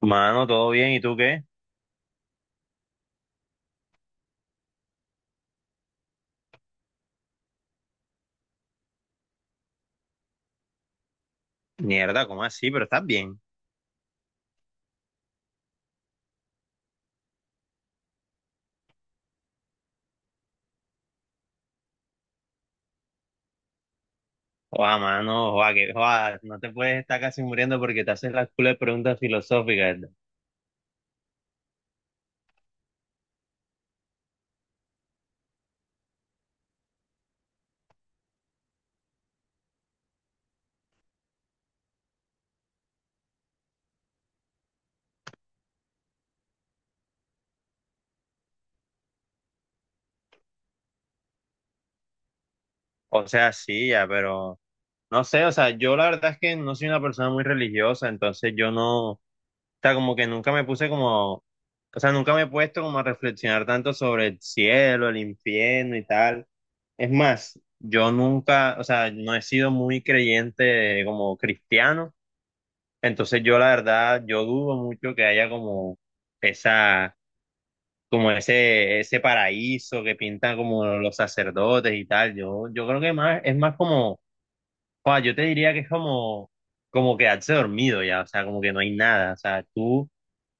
Mano, todo bien, ¿y tú qué? Mierda, ¿cómo así? Pero estás bien. Joa, mano, joa, que, joa, no te puedes estar casi muriendo porque te haces las culas preguntas filosóficas. O sea, sí, ya, pero no sé, o sea, yo la verdad es que no soy una persona muy religiosa, entonces yo no, o sea, como que nunca me puse como, o sea, nunca me he puesto como a reflexionar tanto sobre el cielo, el infierno y tal. Es más, yo nunca, o sea, no he sido muy creyente como cristiano. Entonces yo la verdad, yo dudo mucho que haya como esa, como ese paraíso que pintan como los sacerdotes y tal. Yo creo que más, es más como, joa, yo te diría que es como, como quedarse dormido ya, o sea, como que no hay nada. O sea, tú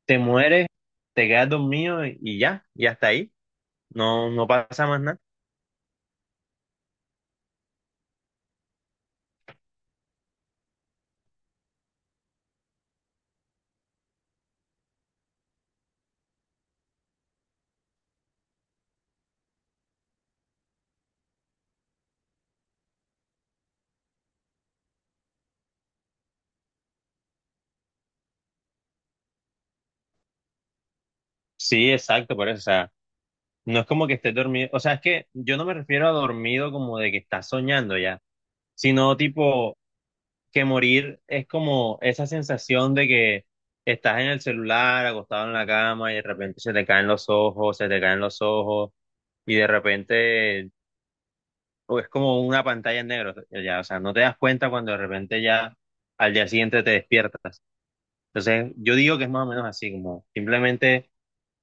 te mueres, te quedas dormido y ya, y hasta ahí. No pasa más nada. Sí, exacto, por eso, o sea, no es como que estés dormido, o sea, es que yo no me refiero a dormido como de que estás soñando ya, sino tipo que morir es como esa sensación de que estás en el celular, acostado en la cama y de repente se te caen los ojos, se te caen los ojos y de repente o es como una pantalla en negro, ya, o sea, no te das cuenta cuando de repente ya al día siguiente te despiertas. Entonces, yo digo que es más o menos así, como simplemente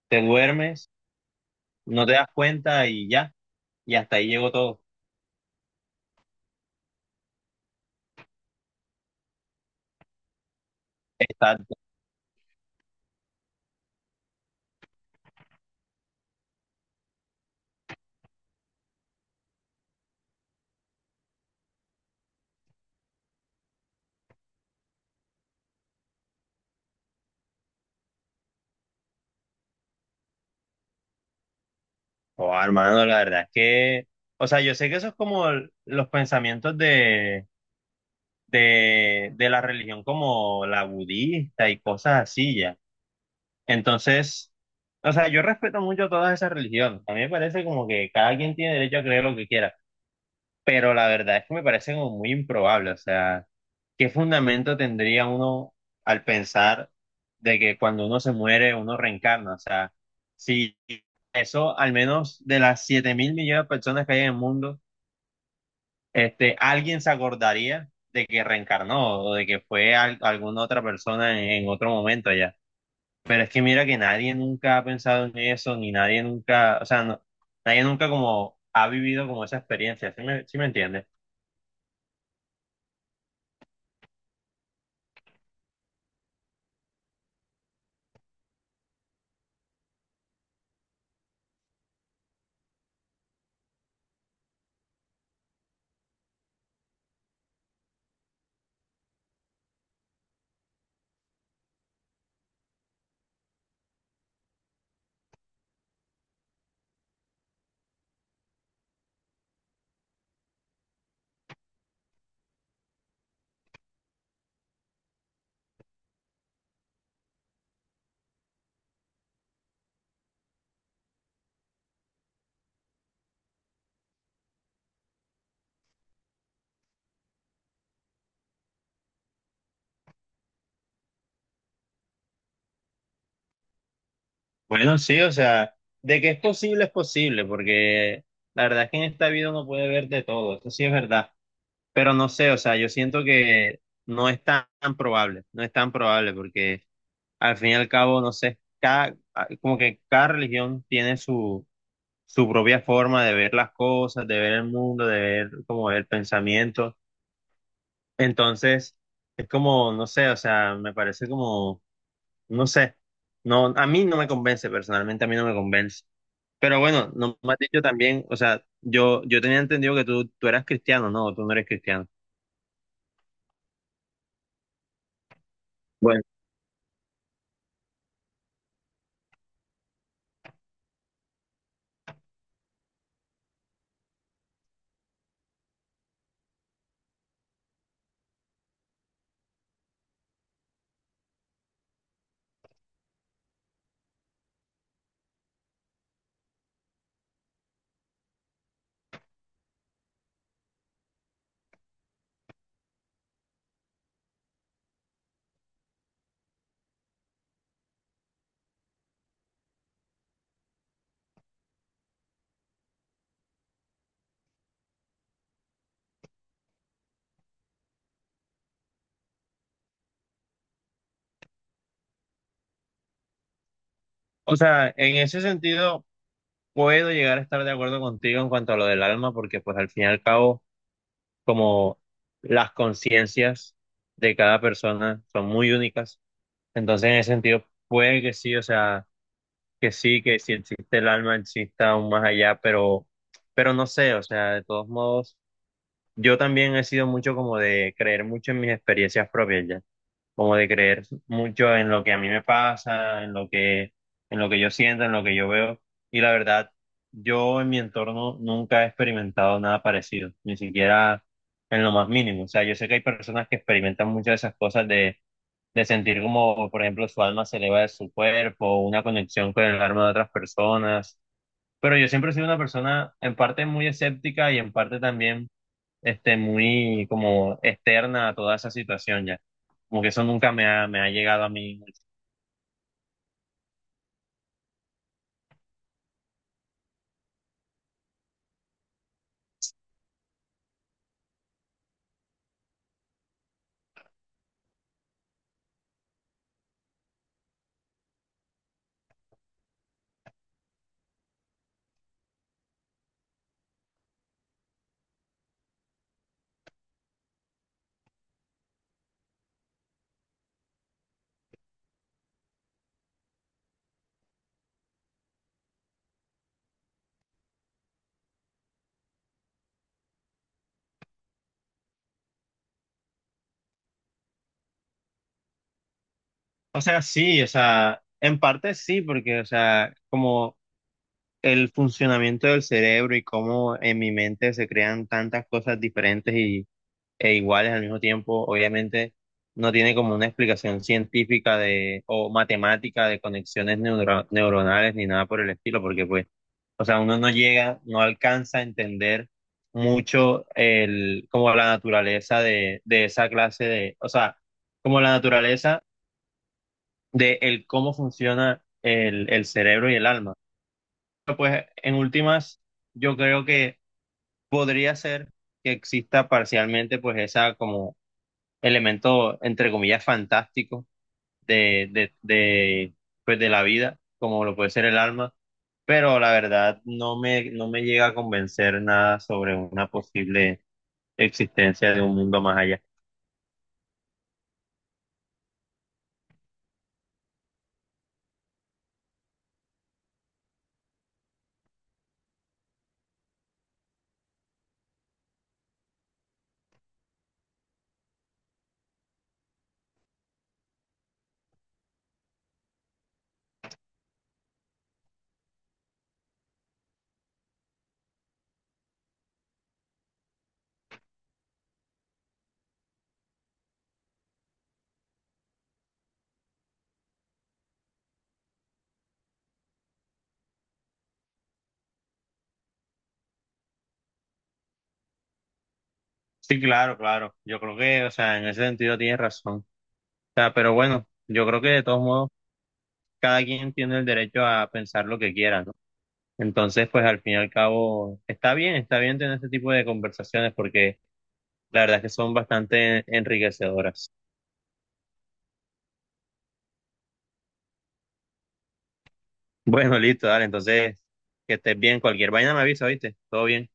te duermes, no te das cuenta y ya, y hasta ahí llegó todo. Está, oh, hermano, la verdad es que, o sea, yo sé que eso es como los pensamientos de la religión como la budista y cosas así ya. Entonces, o sea, yo respeto mucho todas esas religiones. A mí me parece como que cada quien tiene derecho a creer lo que quiera, pero la verdad es que me parece como muy improbable. O sea, ¿qué fundamento tendría uno al pensar de que cuando uno se muere, uno reencarna? O sea, si eso al menos de las 7.000 millones de personas que hay en el mundo, este, alguien se acordaría de que reencarnó o de que fue alguna otra persona en otro momento ya. Pero es que mira que nadie nunca ha pensado en eso, ni nadie nunca, o sea, nadie nunca como ha vivido como esa experiencia, sí me entiendes? Bueno, sí, o sea, de que es posible, porque la verdad es que en esta vida uno puede ver de todo, eso sí es verdad. Pero no sé, o sea, yo siento que no es tan, tan probable, no es tan probable, porque al fin y al cabo, no sé, cada, como que cada religión tiene su, su propia forma de ver las cosas, de ver el mundo, de ver como el pensamiento. Entonces, es como, no sé, o sea, me parece como, no sé, no, a mí no me convence, personalmente a mí no me convence. Pero bueno, no me has dicho también, o sea, yo tenía entendido que tú eras cristiano, no, tú no eres cristiano. Bueno, o sea, en ese sentido puedo llegar a estar de acuerdo contigo en cuanto a lo del alma, porque pues al fin y al cabo como las conciencias de cada persona son muy únicas. Entonces, en ese sentido, puede que sí, o sea, que sí, que si existe el alma, exista aún más allá, pero no sé, o sea, de todos modos, yo también he sido mucho como de creer mucho en mis experiencias propias, ya como de creer mucho en lo que a mí me pasa, en lo que yo siento, en lo que yo veo. Y la verdad, yo en mi entorno nunca he experimentado nada parecido, ni siquiera en lo más mínimo. O sea, yo sé que hay personas que experimentan muchas de esas cosas de sentir como, por ejemplo, su alma se eleva de su cuerpo, una conexión con el alma de otras personas. Pero yo siempre he sido una persona en parte muy escéptica y en parte también este, muy como externa a toda esa situación ya. Como que eso nunca me ha, me ha llegado a mí mucho. O sea, sí, o sea, en parte sí, porque, o sea, como el funcionamiento del cerebro y cómo en mi mente se crean tantas cosas diferentes y, e iguales al mismo tiempo, obviamente no tiene como una explicación científica de, o matemática de conexiones neuronales ni nada por el estilo, porque pues o sea, uno no llega, no alcanza a entender mucho el, como la naturaleza de esa clase de, o sea, como la naturaleza de el cómo funciona el cerebro y el alma. Pero, pues en últimas, yo creo que podría ser que exista parcialmente pues esa como elemento, entre comillas, fantástico de pues de la vida, como lo puede ser el alma, pero la verdad no me, no me llega a convencer nada sobre una posible existencia de un mundo más allá. Sí, claro, claro, yo creo que, o sea, en ese sentido tienes razón. O sea, pero bueno, yo creo que de todos modos, cada quien tiene el derecho a pensar lo que quiera, ¿no? Entonces, pues al fin y al cabo, está bien tener este tipo de conversaciones porque la verdad es que son bastante enriquecedoras. Bueno, listo, dale. Entonces, que estés bien. Cualquier vaina me avisa, ¿viste? Todo bien.